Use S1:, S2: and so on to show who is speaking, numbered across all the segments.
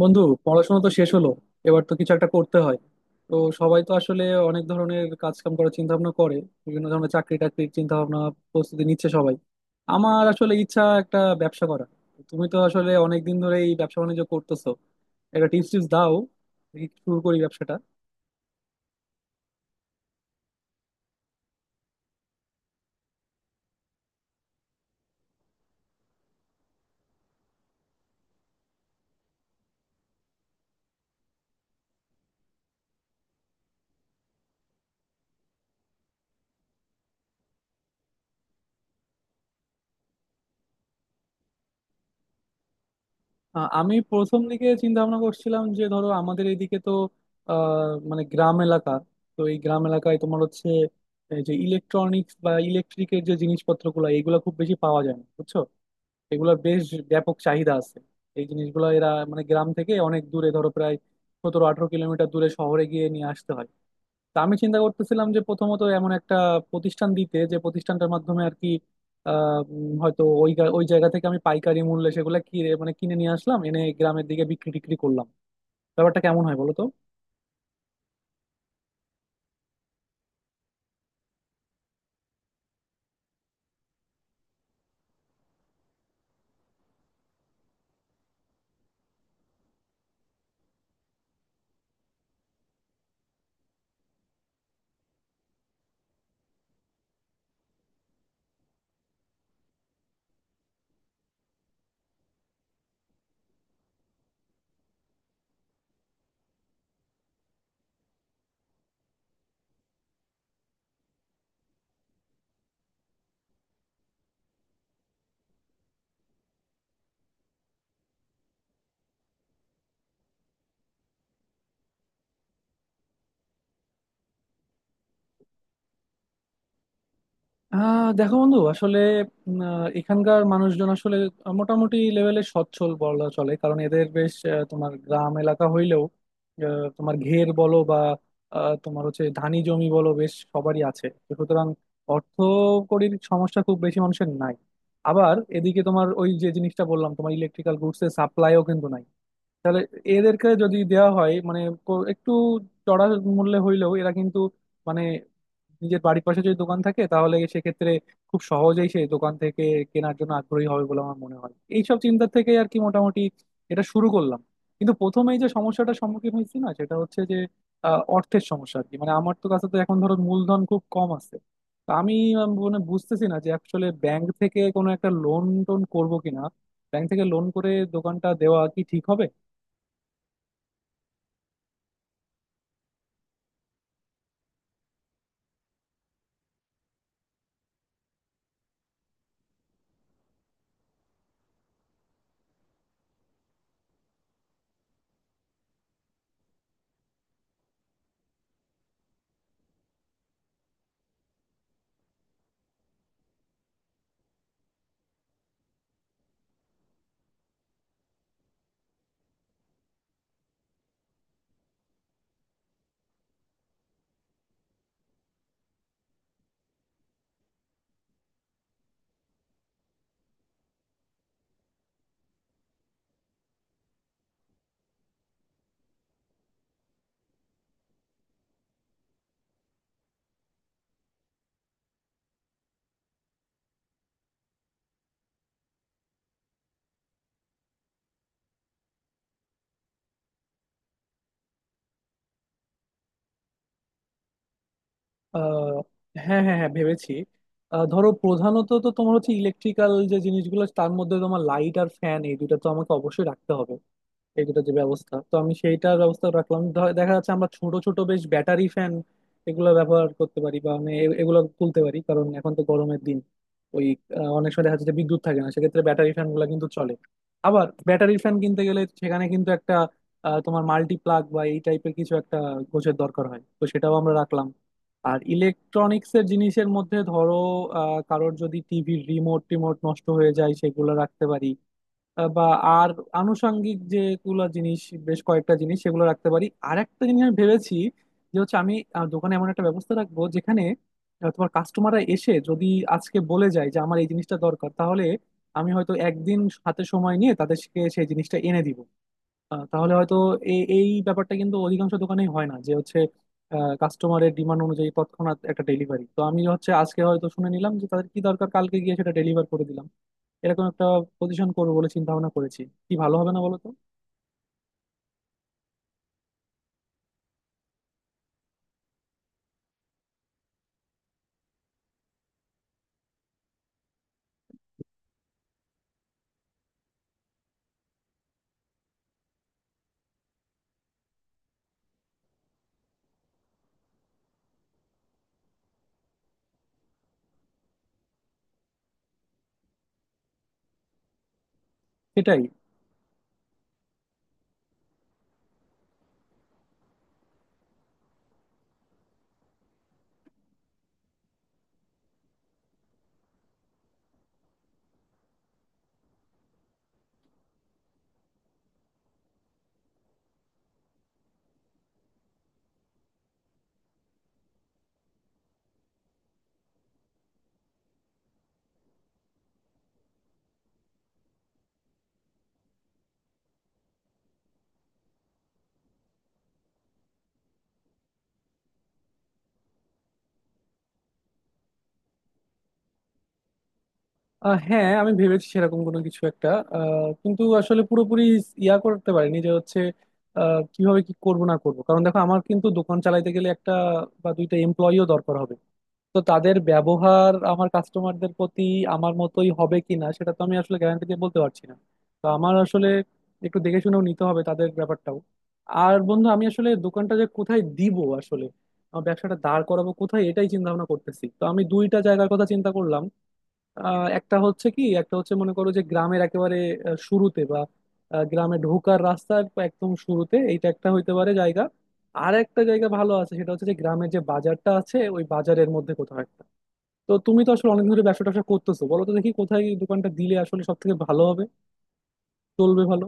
S1: বন্ধু, পড়াশোনা তো শেষ হলো। এবার তো কিছু একটা করতে হয়। তো সবাই তো আসলে অনেক ধরনের কাজ কাম করার চিন্তা ভাবনা করে। বিভিন্ন ধরনের চাকরি টাকরির চিন্তা ভাবনা, প্রস্তুতি নিচ্ছে সবাই। আমার আসলে ইচ্ছা একটা ব্যবসা করা। তুমি তো আসলে অনেক দিন ধরে এই ব্যবসা বাণিজ্য করতেছো, একটা টিপস টিপস দাও, দেখি শুরু করি ব্যবসাটা। আমি প্রথম দিকে চিন্তা ভাবনা করছিলাম যে ধরো আমাদের এদিকে তো আহ, মানে গ্রাম এলাকা। তো এই গ্রাম এলাকায় তোমার হচ্ছে এই যে ইলেকট্রনিক্স বা ইলেকট্রিকের যে জিনিসপত্রগুলো এগুলো খুব বেশি পাওয়া যায় না, বুঝছো? এগুলোর বেশ ব্যাপক চাহিদা আছে। এই জিনিসগুলো এরা মানে গ্রাম থেকে অনেক দূরে, ধরো প্রায় 17-18 কিলোমিটার দূরে শহরে গিয়ে নিয়ে আসতে হয়। তা আমি চিন্তা করতেছিলাম যে প্রথমত এমন একটা প্রতিষ্ঠান দিতে, যে প্রতিষ্ঠানটার মাধ্যমে আর কি হয়তো ওই জায়গা থেকে আমি পাইকারি মূল্যে সেগুলো কিনে, মানে কিনে নিয়ে আসলাম, এনে গ্রামের দিকে বিক্রি টিক্রি করলাম। ব্যাপারটা কেমন হয় বলো তো? দেখো বন্ধু, আসলে এখানকার মানুষজন আসলে মোটামুটি লেভেলে সচ্ছল বলা চলে, কারণ এদের বেশ তোমার গ্রাম এলাকা হইলেও তোমার ঘের বলো বা তোমার হচ্ছে ধানি জমি বলো, বেশ সবারই আছে। তো সুতরাং অর্থকড়ির সমস্যা খুব বেশি মানুষের নাই। আবার এদিকে তোমার ওই যে জিনিসটা বললাম, তোমার ইলেকট্রিক্যাল গুডস এর সাপ্লাইও কিন্তু নাই। তাহলে এদেরকে যদি দেওয়া হয় মানে একটু চড়া মূল্যে হইলেও এরা কিন্তু মানে নিজের বাড়ির পাশে যদি দোকান থাকে তাহলে সেক্ষেত্রে খুব সহজেই সেই দোকান থেকে কেনার জন্য আগ্রহী হবে বলে আমার মনে হয়। এইসব চিন্তা থেকে আর কি মোটামুটি এটা শুরু করলাম। কিন্তু প্রথমেই যে সমস্যাটার সম্মুখীন হয়েছি না, সেটা হচ্ছে যে অর্থের সমস্যা আর কি। মানে আমার তো কাছে তো এখন ধরো মূলধন খুব কম আছে। তো আমি মানে বুঝতেছি না যে আসলে ব্যাংক থেকে কোনো একটা লোন টোন করবো কিনা, ব্যাংক থেকে লোন করে দোকানটা দেওয়া কি ঠিক হবে? আহ, হ্যাঁ, হ্যাঁ, হ্যাঁ, ভেবেছি। ধরো প্রধানত তো তোমার হচ্ছে ইলেকট্রিক্যাল যে জিনিসগুলো, তার মধ্যে তোমার লাইট আর ফ্যান এই দুটো তো আমাকে অবশ্যই রাখতে হবে। এই দুটো যে ব্যবস্থা, তো আমি সেইটার ব্যবস্থা রাখলাম। দেখা যাচ্ছে আমরা ছোট ছোট বেশ ব্যাটারি ফ্যান এগুলো ব্যবহার করতে পারি, বা আমি এগুলো তুলতে পারি, কারণ এখন তো গরমের দিন। ওই অনেক সময় দেখা যাচ্ছে যে বিদ্যুৎ থাকে না, সেক্ষেত্রে ব্যাটারি ফ্যান গুলা কিন্তু চলে। আবার ব্যাটারি ফ্যান কিনতে গেলে সেখানে কিন্তু একটা তোমার মাল্টি প্লাগ বা এই টাইপের কিছু একটা গোছের দরকার হয়, তো সেটাও আমরা রাখলাম। আর ইলেকট্রনিক্সের জিনিসের মধ্যে ধরো কারোর যদি টিভির রিমোট টিমোট নষ্ট হয়ে যায় সেগুলো রাখতে পারি। আহ, বা আর আনুষঙ্গিক যেগুলো জিনিস, বেশ কয়েকটা জিনিস সেগুলো রাখতে পারি। আর একটা জিনিস আমি ভেবেছি যে হচ্ছে আমি দোকানে এমন একটা ব্যবস্থা রাখবো যেখানে তোমার কাস্টমাররা এসে যদি আজকে বলে যায় যে আমার এই জিনিসটা দরকার, তাহলে আমি হয়তো একদিন হাতে সময় নিয়ে তাদেরকে সেই জিনিসটা এনে দিব। তাহলে হয়তো এই এই ব্যাপারটা কিন্তু অধিকাংশ দোকানেই হয় না, যে হচ্ছে কাস্টমারের ডিমান্ড অনুযায়ী তৎক্ষণাৎ একটা ডেলিভারি। তো আমি হচ্ছে আজকে হয়তো শুনে নিলাম যে তাদের কি দরকার, কালকে গিয়ে সেটা ডেলিভার করে দিলাম। এরকম একটা পজিশন করবো বলে চিন্তা ভাবনা করেছি। কি ভালো হবে না বলো তো? সেটাই। হ্যাঁ, আমি ভেবেছি সেরকম কোনো কিছু একটা, কিন্তু আসলে পুরোপুরি ইয়া করতে পারিনি যে হচ্ছে কিভাবে কি করব না করব। কারণ দেখো আমার কিন্তু দোকান চালাইতে গেলে একটা বা দুইটা এমপ্লয়িও দরকার হবে। তো তাদের ব্যবহার আমার কাস্টমারদের প্রতি আমার মতোই হবে কিনা, সেটা তো আমি আসলে গ্যারান্টি দিয়ে বলতে পারছি না। তো আমার আসলে একটু দেখে শুনেও নিতে হবে তাদের ব্যাপারটাও। আর বন্ধু, আমি আসলে দোকানটা যে কোথায় দিব, আসলে আমার ব্যবসাটা দাঁড় করাবো কোথায়, এটাই চিন্তা ভাবনা করতেছি। তো আমি দুইটা জায়গার কথা চিন্তা করলাম। একটা হচ্ছে কি, একটা হচ্ছে মনে করো যে গ্রামের একেবারে শুরুতে বা গ্রামে ঢোকার রাস্তার একদম শুরুতে, এইটা একটা হইতে পারে জায়গা। আর একটা জায়গা ভালো আছে, সেটা হচ্ছে যে গ্রামের যে বাজারটা আছে ওই বাজারের মধ্যে কোথাও একটা। তো তুমি তো আসলে অনেক ধরে ব্যবসা ট্যাবসা করতেছো, বলো তো দেখি কোথায় এই দোকানটা দিলে আসলে সব থেকে ভালো হবে, চলবে ভালো।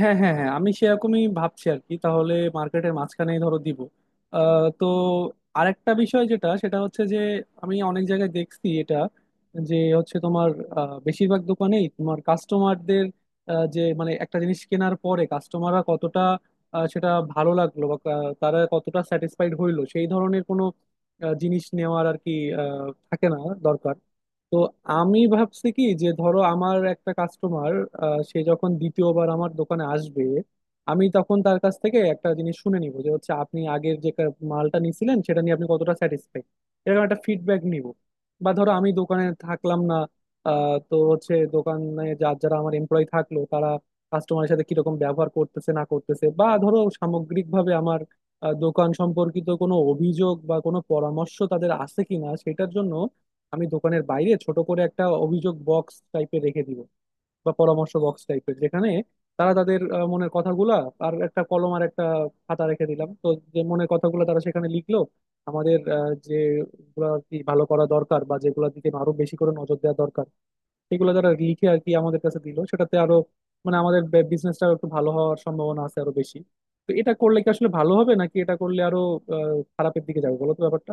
S1: হ্যাঁ, হ্যাঁ, হ্যাঁ, আমি সেরকমই ভাবছি আর কি। তাহলে মার্কেটের মাঝখানেই ধরো দিব। তো আরেকটা বিষয় যেটা, সেটা হচ্ছে যে আমি অনেক জায়গায় দেখছি এটা, যে হচ্ছে তোমার বেশিরভাগ দোকানেই তোমার কাস্টমারদের যে, মানে একটা জিনিস কেনার পরে কাস্টমাররা কতটা সেটা ভালো লাগলো বা তারা কতটা স্যাটিসফাইড হইলো, সেই ধরনের কোনো জিনিস নেওয়ার আর কি থাকে না, দরকার। তো আমি ভাবছি কি, যে ধরো আমার একটা কাস্টমার, সে যখন দ্বিতীয়বার আমার দোকানে আসবে আমি তখন তার কাছ থেকে একটা জিনিস শুনে নিব যে হচ্ছে আপনি আগের যে মালটা নিছিলেন সেটা নিয়ে আপনি কতটা স্যাটিসফাইড, এরকম একটা ফিডব্যাক নিব। বা ধরো আমি দোকানে থাকলাম না, তো হচ্ছে দোকানে যার যারা আমার এমপ্লয়ি থাকলো তারা কাস্টমারের সাথে কিরকম ব্যবহার করতেছে না করতেছে, বা ধরো সামগ্রিকভাবে আমার দোকান সম্পর্কিত কোনো অভিযোগ বা কোনো পরামর্শ তাদের আছে কিনা, সেটার জন্য আমি দোকানের বাইরে ছোট করে একটা অভিযোগ বক্স টাইপের রেখে দিব, বা পরামর্শ বক্স টাইপের, যেখানে তারা তাদের মনের কথাগুলা আর একটা কলম আর একটা খাতা রেখে দিলাম, তো যে মনের কথাগুলো তারা সেখানে লিখলো আমাদের যেগুলো আর কি ভালো করা দরকার বা যেগুলোর দিকে আরো বেশি করে নজর দেওয়া দরকার, সেগুলো তারা লিখে আর কি আমাদের কাছে দিল, সেটাতে আরো মানে আমাদের বিজনেসটা একটু ভালো হওয়ার সম্ভাবনা আছে আরো বেশি। তো এটা করলে কি আসলে ভালো হবে, নাকি এটা করলে আরো খারাপের দিকে যাবে, বলো তো ব্যাপারটা?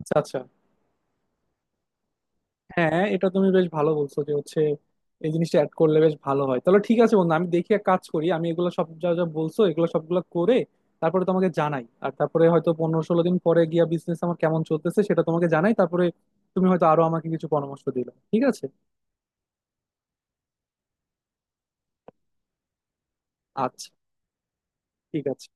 S1: আচ্ছা, আচ্ছা, হ্যাঁ, এটা তুমি বেশ ভালো বলছো যে হচ্ছে এই জিনিসটা অ্যাড করলে বেশ ভালো হয়। তাহলে ঠিক আছে বন্ধু, আমি দেখি এক কাজ করি, আমি এগুলো সব যা যা বলছো এগুলো সবগুলো করে তারপরে তোমাকে জানাই। আর তারপরে হয়তো 15-16 দিন পরে গিয়া বিজনেস আমার কেমন চলতেছে সেটা তোমাকে জানাই, তারপরে তুমি হয়তো আরো আমাকে কিছু পরামর্শ দিলে। ঠিক আছে। আচ্ছা, ঠিক আছে।